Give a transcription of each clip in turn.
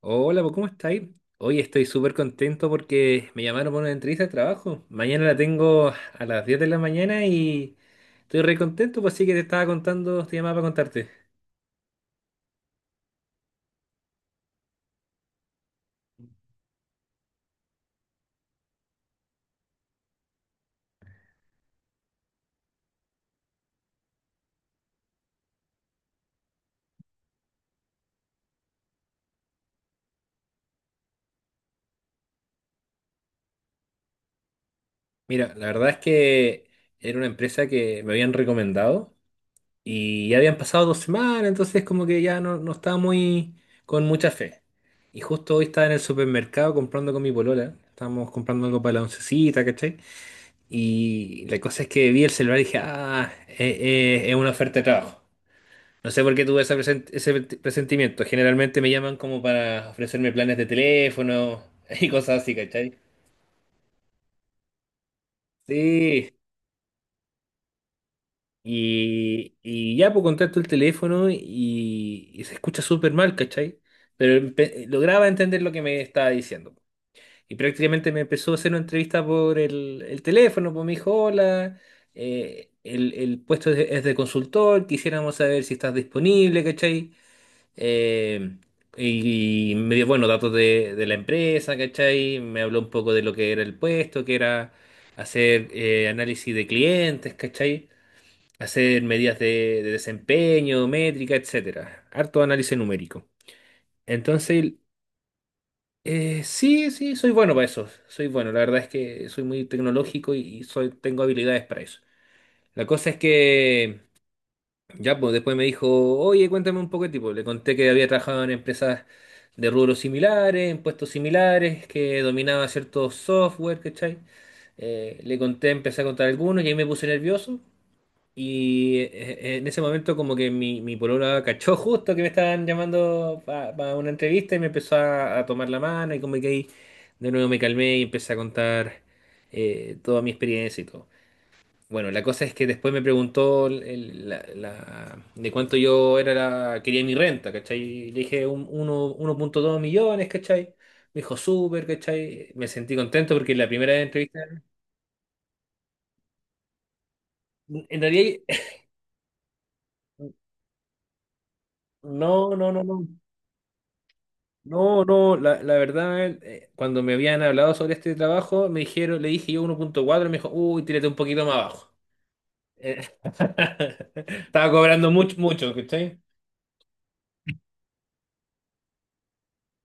Hola, pues, ¿cómo estáis? Hoy estoy súper contento porque me llamaron para una entrevista de trabajo. Mañana la tengo a las 10 de la mañana y estoy re contento, pues sí que te estaba contando, te llamaba para contarte. Mira, la verdad es que era una empresa que me habían recomendado y ya habían pasado 2 semanas, entonces como que ya no estaba muy con mucha fe. Y justo hoy estaba en el supermercado comprando con mi polola, estábamos comprando algo para la oncecita, ¿cachai? Y la cosa es que vi el celular y dije, ah, es una oferta de trabajo. No sé por qué tuve ese presentimiento. Generalmente me llaman como para ofrecerme planes de teléfono y cosas así, ¿cachai? Sí. Y ya, pues contacto el teléfono y se escucha súper mal, ¿cachai? Pero lograba entender lo que me estaba diciendo. Y prácticamente me empezó a hacer una entrevista por el teléfono, pues me dijo, hola, el puesto es de consultor, quisiéramos saber si estás disponible, ¿cachai? Eh, y me dio, bueno, datos de la empresa, ¿cachai? Me habló un poco de lo que era el puesto, que era hacer análisis de clientes, ¿cachai? Hacer medidas de desempeño, métrica, etcétera. Harto análisis numérico. Entonces. Sí, sí, soy bueno para eso. Soy bueno. La verdad es que soy muy tecnológico y tengo habilidades para eso. La cosa es que ya pues, después me dijo, oye, cuéntame un poco de tipo. Le conté que había trabajado en empresas de rubros similares, en puestos similares, que dominaba ciertos software, ¿cachai? Le conté, empecé a contar algunos y ahí me puse nervioso. Y en ese momento como que mi polola cachó justo que me estaban llamando para una entrevista y me empezó a tomar la mano y como que ahí de nuevo me calmé y empecé a contar toda mi experiencia y todo. Bueno, la cosa es que después me preguntó de cuánto yo era quería mi renta, ¿cachai? Y le dije 1,2 millones, ¿cachai? Me dijo súper, ¿cachai? Me sentí contento porque la primera entrevista. En realidad. No, no, no, no. No, no, la verdad, cuando me habían hablado sobre este trabajo, me dijeron, le dije yo 1,4, me dijo, uy, tírate un poquito más abajo. Eh, Estaba cobrando mucho, mucho, ¿cachai?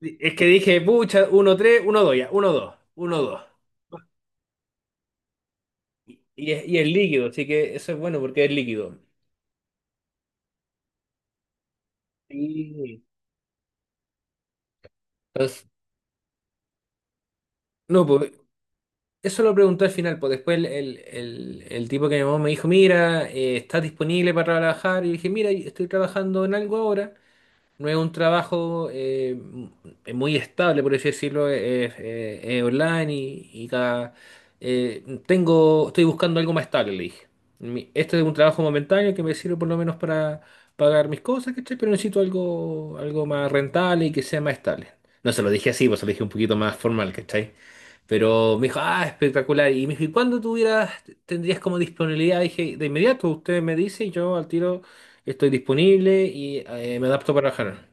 Es que dije, pucha, 1,3, 1,2, ya, 1,2, 1,2. Y es líquido, así que eso es bueno porque es líquido. Sí. Entonces, no, pues eso lo preguntó al final, pues después el tipo que me llamó me dijo, mira, ¿estás disponible para trabajar? Y dije, mira, estoy trabajando en algo ahora. No es un trabajo muy estable, por así decirlo, es online y cada. Estoy buscando algo más estable, le dije. Este es un trabajo momentáneo que me sirve por lo menos para pagar mis cosas, ¿cachai? Pero necesito algo más rentable y que sea más estable. No se lo dije así, pues se lo dije un poquito más formal, ¿cachai? Pero me dijo, ah, espectacular. Y me dijo, ¿y cuándo tendrías como disponibilidad? Dije, de inmediato, usted me dice y yo al tiro. Estoy disponible y me adapto para trabajar.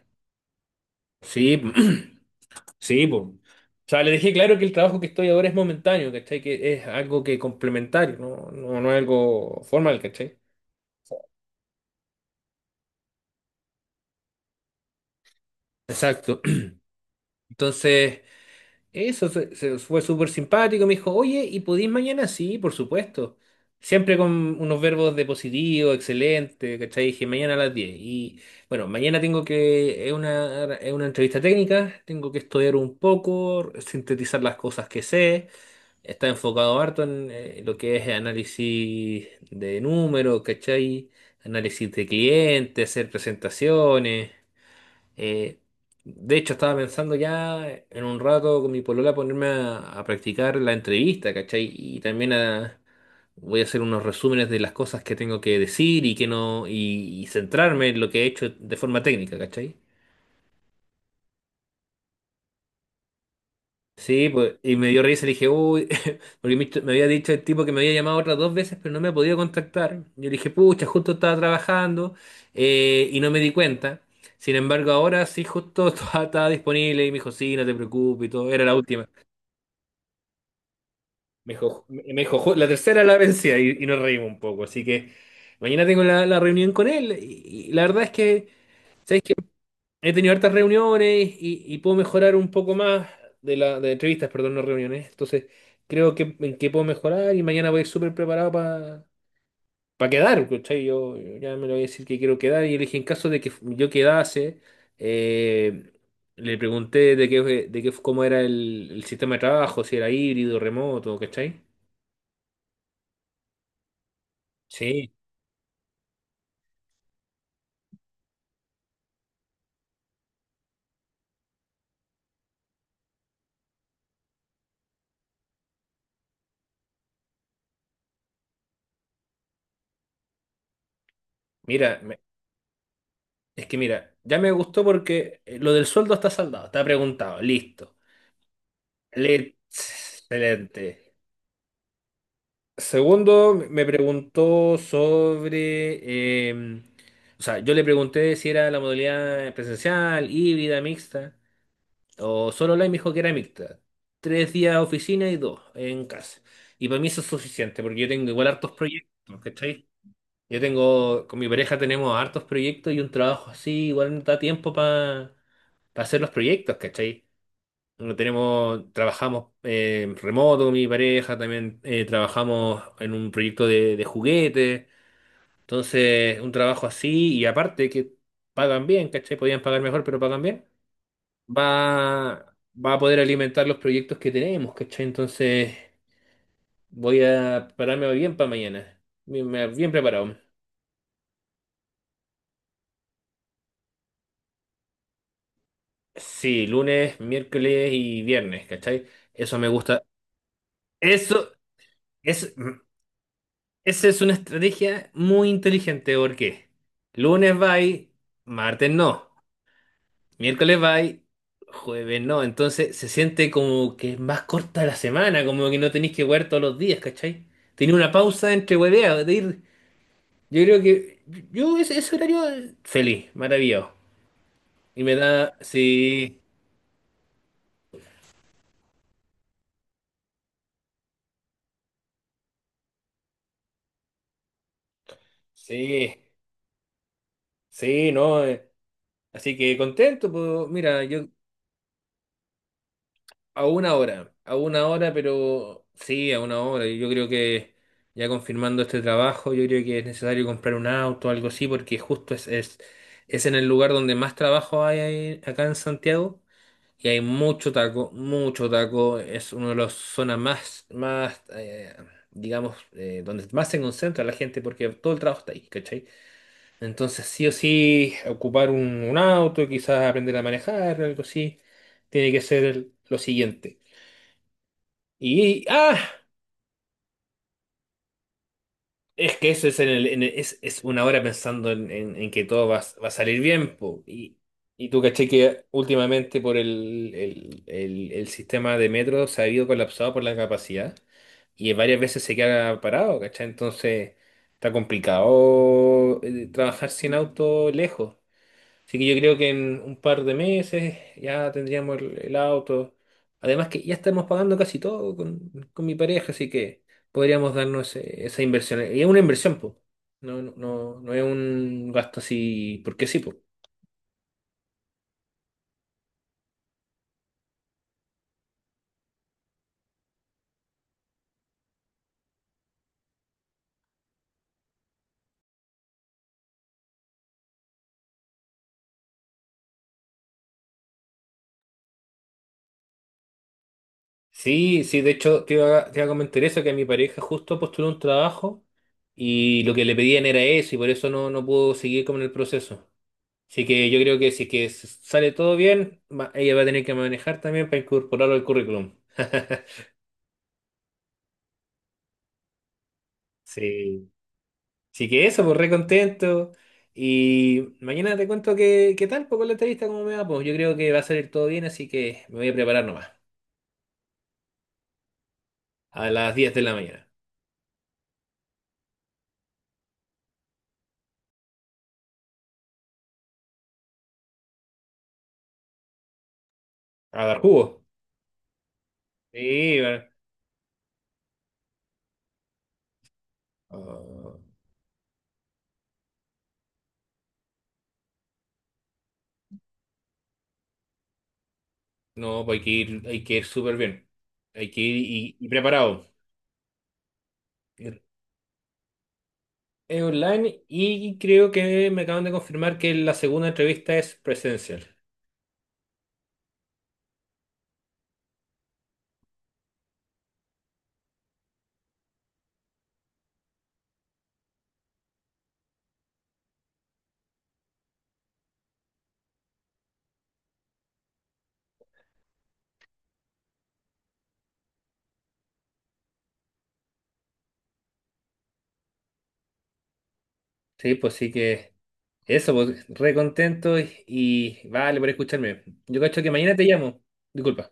Sí, sí, pues. O sea, le dejé claro que el trabajo que estoy ahora es momentáneo, ¿cachai? Que es algo que complementario, no, no, no es algo formal, ¿cachai? Exacto. Entonces. Eso fue súper simpático. Me dijo, oye, ¿y podís mañana? Sí, por supuesto. Siempre con unos verbos de positivo, excelente, ¿cachai? Dije, mañana a las 10. Y bueno, mañana tengo que, es una entrevista técnica, tengo que estudiar un poco, sintetizar las cosas que sé. Está enfocado harto en lo que es análisis de números, ¿cachai? Análisis de clientes, hacer presentaciones. Eh, de hecho, estaba pensando ya en un rato con mi polola ponerme a practicar la entrevista, ¿cachai? Y también voy a hacer unos resúmenes de las cosas que tengo que decir y que no, y centrarme en lo que he hecho de forma técnica, ¿cachai? Sí, pues, y me dio risa y dije, uy, porque me había dicho el tipo que me había llamado otras 2 veces, pero no me ha podido contactar. Yo le dije, pucha, justo estaba trabajando y no me di cuenta. Sin embargo, ahora sí, justo estaba disponible y me dijo, sí, no te preocupes y todo, era la última. Me dijo, la tercera la vencida" y nos reímos un poco. Así que mañana tengo la reunión con él y la verdad es que, ¿sabes qué? He tenido hartas reuniones y puedo mejorar un poco más de de entrevistas, perdón, no reuniones. Entonces, creo que en qué puedo mejorar y mañana voy a ir súper preparado para quedar, ¿cachai? Yo ya me lo voy a decir que quiero quedar y le dije, en caso de que yo quedase, eh, le pregunté de qué, cómo era el sistema de trabajo, si era híbrido, remoto, ¿cachai? Sí. Mira, es que mira, ya me gustó porque lo del sueldo está saldado, está preguntado, listo. Excelente. Segundo, me preguntó sobre, o sea, yo le pregunté si era la modalidad presencial, híbrida, mixta, o solo online, me dijo que era mixta. 3 días oficina y 2 en casa. Y para mí eso es suficiente, porque yo tengo igual hartos proyectos, ¿cachai? Con mi pareja tenemos hartos proyectos y un trabajo así, igual no da tiempo para hacer los proyectos, ¿cachai? No. Trabajamos remoto, mi pareja, también trabajamos en un proyecto de juguete. Entonces, un trabajo así, y aparte que pagan bien, ¿cachai? Podían pagar mejor, pero pagan bien. Va, va a poder alimentar los proyectos que tenemos, ¿cachai? Entonces, voy a pararme bien para mañana. Bien, bien preparado. Sí, lunes, miércoles y viernes, ¿cachai? Eso me gusta. Eso, es Esa es una estrategia muy inteligente porque lunes vai, martes no, miércoles vai, jueves no. Entonces se siente como que es más corta la semana, como que no tenéis que jugar todos los días, ¿cachai? Tiene una pausa entre hueveas. Yo creo que yo ese horario feliz, maravilloso. Sí, sí, sí, no. Así que contento, pues mira, yo. A una hora, pero sí, a una hora. Yo creo que ya confirmando este trabajo, yo creo que es necesario comprar un auto o algo así, porque justo es en el lugar donde más trabajo hay acá en Santiago y hay mucho taco, mucho taco. Es una de las zonas más digamos, donde más se concentra la gente, porque todo el trabajo está ahí, ¿cachai? Entonces, sí o sí, ocupar un auto, quizás aprender a manejar, algo así, tiene que ser lo siguiente. Y, ah, es que eso es, en el- es una hora pensando en que todo va a salir bien, po. Y tú caché que últimamente por el sistema de metro se ha ido colapsado por la capacidad y varias veces se queda parado, ¿cachai? Entonces está complicado trabajar sin auto lejos. Así que yo creo que en un par de meses ya tendríamos el auto. Además que ya estamos pagando casi todo con mi pareja, así que podríamos darnos esa inversión. Y es una inversión, pues. No, no, no, no es un gasto así, porque sí, pues. Sí, sí, de hecho te iba a comentar eso, que mi pareja justo postuló un trabajo y lo que le pedían era eso y por eso no pudo seguir con el proceso. Así que yo creo que si es que sale todo bien, ella va a tener que manejar también para incorporarlo al currículum. Sí, sí que eso, pues re contento. Y mañana te cuento qué tal, pues con la entrevista, cómo me va. Pues yo creo que va a salir todo bien, así que me voy a preparar nomás. A las diez de la mañana. A dar jugo. Sí, va. Ah, no, pues hay que ir súper bien. Hay que ir y preparado. Ir- Es online y creo que me acaban de confirmar que la segunda entrevista es presencial. Sí, pues sí que. Eso, pues, re contento y vale por escucharme. Yo cacho que mañana te llamo. Disculpa.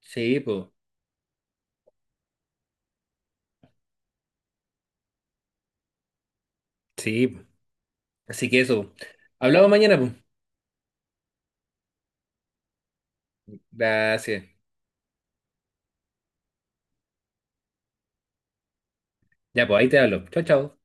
Sí, pues. Sí, po. Así que eso, po. Hablamos mañana, pues. Gracias. Ya, pues ahí te hablo. Chao, chao.